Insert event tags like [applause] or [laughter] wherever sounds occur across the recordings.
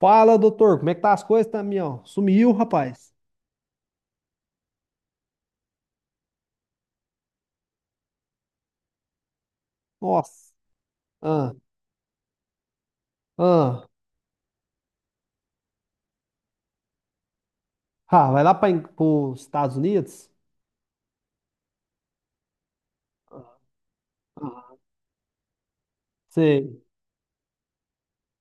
Fala, doutor, como é que tá as coisas, Tamião? Sumiu, rapaz. Nossa. Ah, ah. Ah, vai lá para os Estados Unidos? Ah, sei.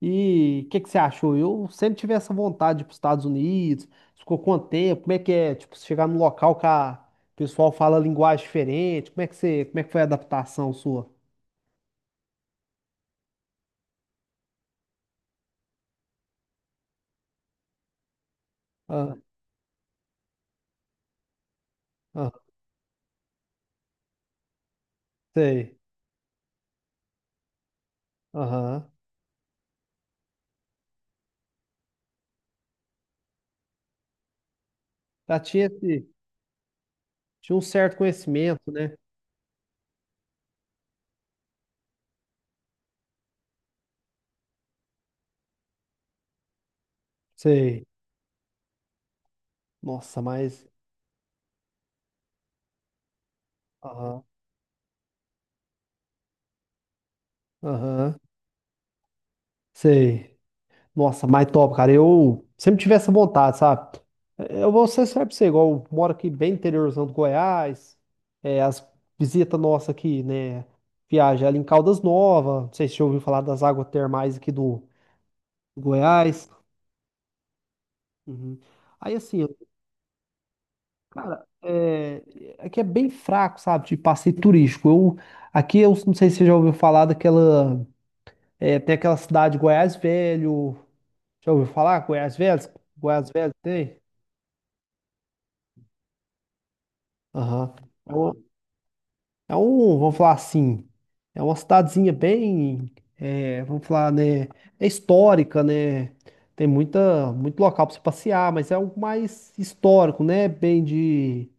E o que que você achou? Eu sempre tive essa vontade de ir para os Estados Unidos. Ficou quanto tempo? Como é que é? Tipo, você chegar num local que o pessoal fala linguagem diferente. Como é que como é que foi a adaptação sua? Ah, ah, sei. Aham. Já tinha, tinha um certo conhecimento, né? Sei. Nossa, mas. Aham. Aham. Sei. Nossa, mais top, cara. Eu sempre tive essa vontade, sabe? Eu vou ser sério pra você, igual eu moro aqui bem interiorzão do Goiás. As visitas nossas aqui, né? Viagem ali em Caldas Novas. Não sei se você já ouviu falar das águas termais aqui do Goiás. Uhum. Aí assim, cara, aqui é bem fraco, sabe? De passeio turístico. Aqui eu não sei se você já ouviu falar daquela. Tem aquela cidade Goiás Velho. Já ouviu falar? Goiás Velho? Goiás Velho tem? Aham. É uma, vamos falar assim, é uma cidadezinha bem, vamos falar, né, é histórica, né? Tem muito local para você passear, mas é algo mais histórico, né? Bem de,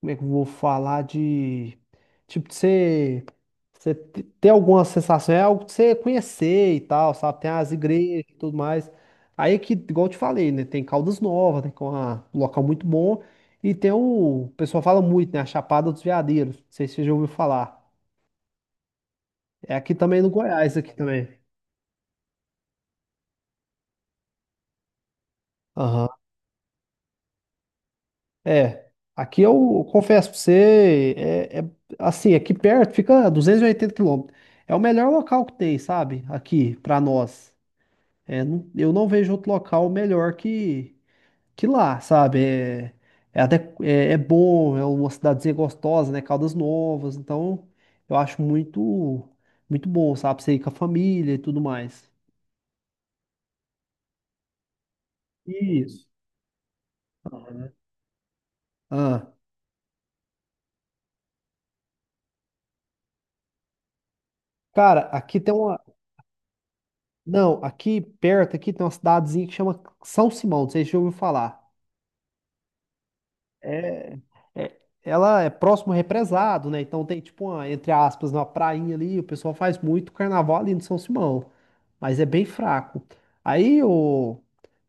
como é que eu vou falar de tipo de ter alguma sensação, é algo que você conhecer e tal, sabe? Tem as igrejas e tudo mais. Aí que, igual eu te falei, né? Tem Caldas Novas, né? Que é um local muito bom. E tem o pessoal fala muito, né? A Chapada dos Veadeiros. Não sei se você já ouviu falar. É aqui também no Goiás, aqui também. Aham. É. Aqui eu confesso pra você, assim, aqui perto fica 280 km. É o melhor local que tem, sabe? Aqui, pra nós. Eu não vejo outro local melhor que lá, sabe? É até é bom, é uma cidadezinha gostosa, né? Caldas Novas, então eu acho muito bom, sabe? Você ir com a família e tudo mais. Isso. Ah, cara, não, aqui perto aqui tem uma cidadezinha que chama São Simão, não sei se você já ouviu falar. É, é- ela é próximo ao represado, né? Então tem tipo uma, entre aspas, uma prainha ali, o pessoal faz muito carnaval ali no São Simão, mas é bem fraco. Aí o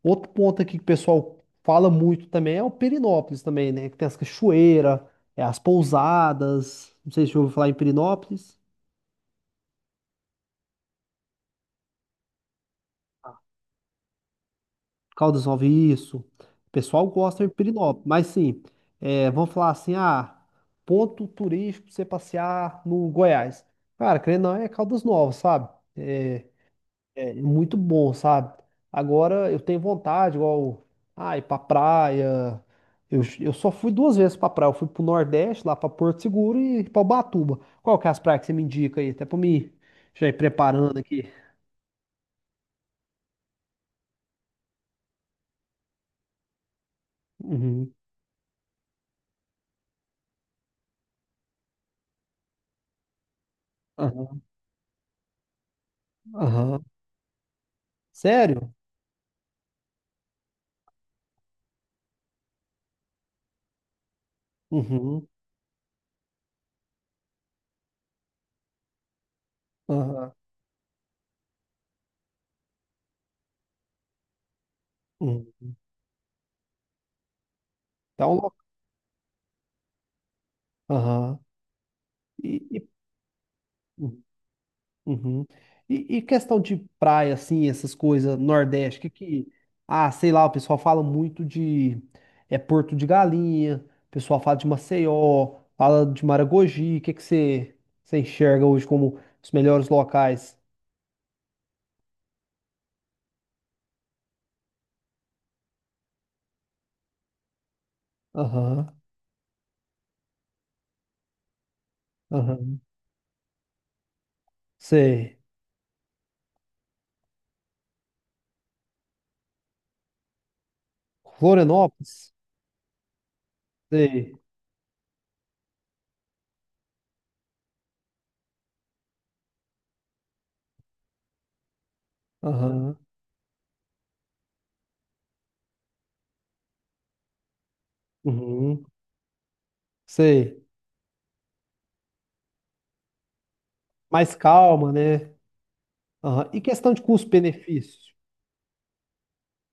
outro ponto aqui que o pessoal fala muito também é o Perinópolis também, né? Que tem as cachoeiras, as pousadas, não sei se você já ouviu falar em Perinópolis. Caldas Novas, isso. O pessoal gosta de Pirinópolis, mas sim, vamos falar assim, ah, ponto turístico pra você passear no Goiás. Cara, querendo ou não, é Caldas Novas, sabe? É, é muito bom, sabe? Agora eu tenho vontade, igual, ah, ir pra praia. Eu só fui duas vezes pra praia. Eu fui pro Nordeste, lá pra Porto Seguro e pra Ubatuba. Qual que é as praias que você me indica aí? Até pra mim já ir preparando aqui. Uhum. Aham. Aham. Sério? Uhum. Aham. Uhum. Então, lo- aham. E, e, uhum. Uhum. Questão de praia, assim, essas coisas, Nordeste, ah, sei lá, o pessoal fala muito de é Porto de Galinha, o pessoal fala de Maceió, fala de Maragogi, o que que você enxerga hoje como os melhores locais? Aham, aham. Sei. Florianópolis? Sei. Aham. Uhum. Sei. Mais calma, né? Aham. E questão de custo-benefício?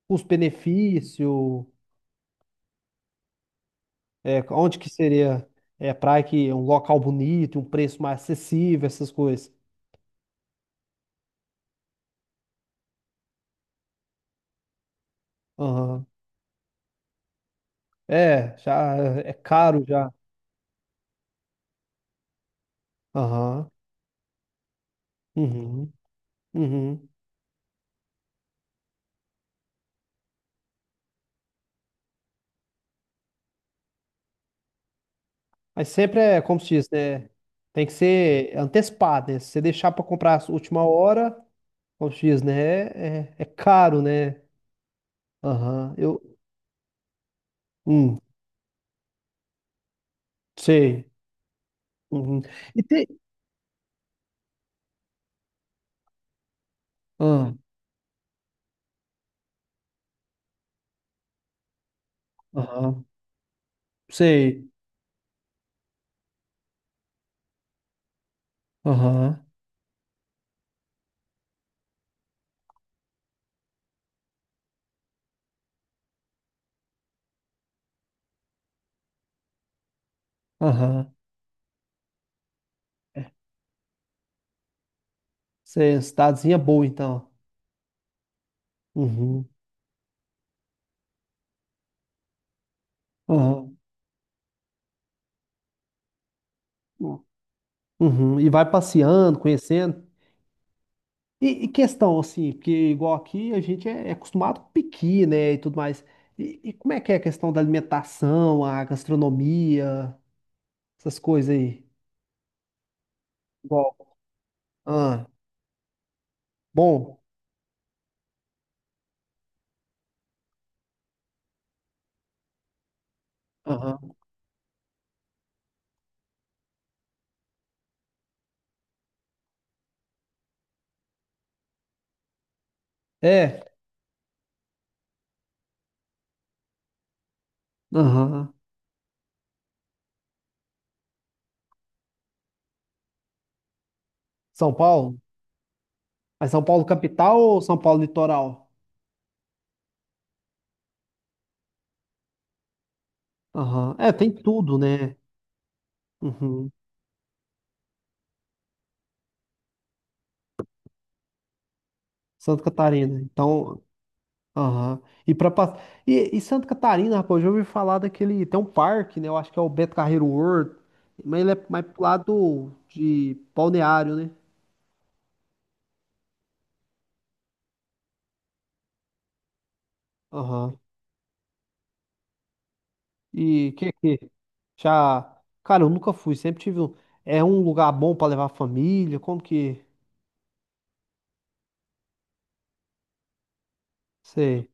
Custo-benefício, onde que seria praia que é um local bonito, um preço mais acessível, essas coisas. Aham. É, já é caro já. Aham. Uhum. Uhum. Mas sempre é, como se diz, né? Tem que ser antecipado, né? Se você deixar para comprar a última hora, como se diz, né? É, é caro, né? Aham. Eu. Hum, sei. Uhum. E tem. Ah, aham. Sei. Aham. Aham. Você, cidadezinha boa, então. Uhum. Aham. Uhum. E vai passeando, conhecendo. Questão, assim, porque igual aqui a gente é acostumado com piqui, né, e tudo mais. Como é que é a questão da alimentação, a gastronomia, essas coisas aí? Igual. Ah, bom. Aham. É. Aham. São Paulo? Mas São Paulo capital ou São Paulo litoral? Aham. É, tem tudo, né? Uhum. Santa Catarina. Então, aham. E para passar. Santa Catarina, rapaz, eu já ouvi falar daquele. Tem um parque, né? Eu acho que é o Beto Carreiro World. Mas ele é mais pro lado de Balneário, né? Aham. E que já, cara, eu nunca fui, sempre tive um, é um lugar bom pra levar a família, como que, sei,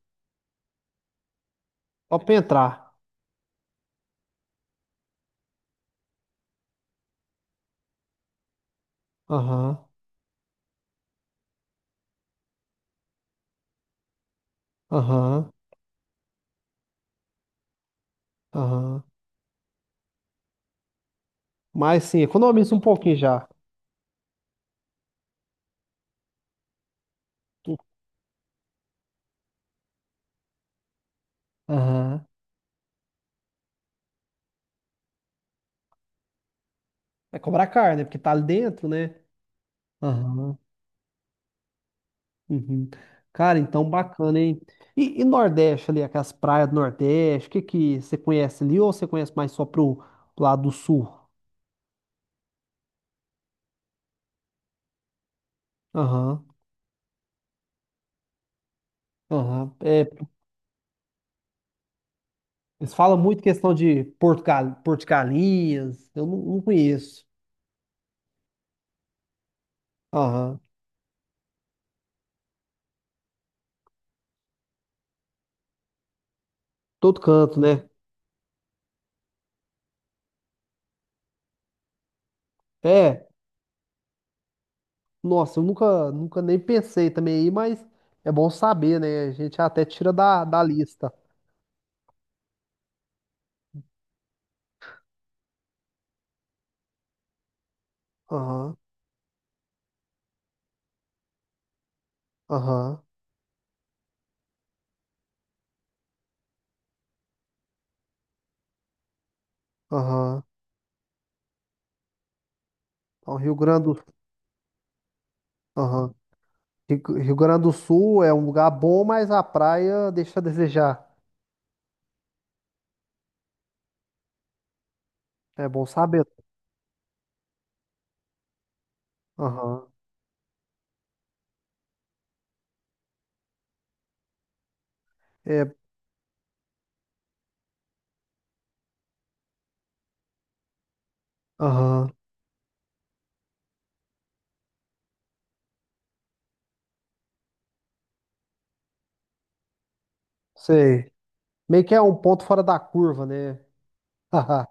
só pra entrar. Aham, aham, aham. Mas sim, economiza um pouquinho já. Aham. Vai cobrar caro, né? Porque tá ali dentro, né? Aham. Uhum. Cara, então bacana, hein? Nordeste ali, aquelas praias do Nordeste, o que que você conhece ali ou você conhece mais só pro pro lado do Sul? Aham, aham. É, eles falam muito questão de Porto Galinhas, eu não, não conheço. Aham, todo canto, né? É, nossa, eu nunca nem pensei também aí, mas é bom saber, né? A gente até tira da lista. Aham, aham, aham. Então, Rio Grande do Sul. Rio Grande do Sul é um lugar bom, mas a praia deixa a desejar. É bom saber. Aham. É, aham. Sei. Meio que é um ponto fora da curva, né? [laughs] Haha.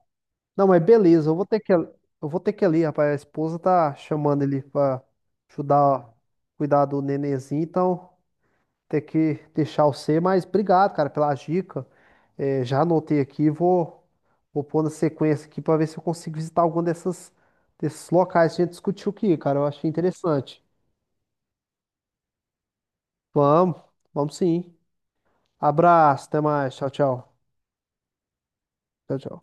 Não, mas beleza, eu vou ter que ir ali, rapaz. A esposa tá chamando ele pra ajudar, ó, cuidar do nenenzinho, então. Ter que deixar o C, mas obrigado, cara, pela dica. É, já anotei aqui, e vou pôr na sequência aqui para ver se eu consigo visitar algum dessas, desses locais que a gente discutiu aqui, cara. Eu achei interessante. Vamos, vamos sim. Abraço, até mais. Tchau, tchau. Tchau, tchau.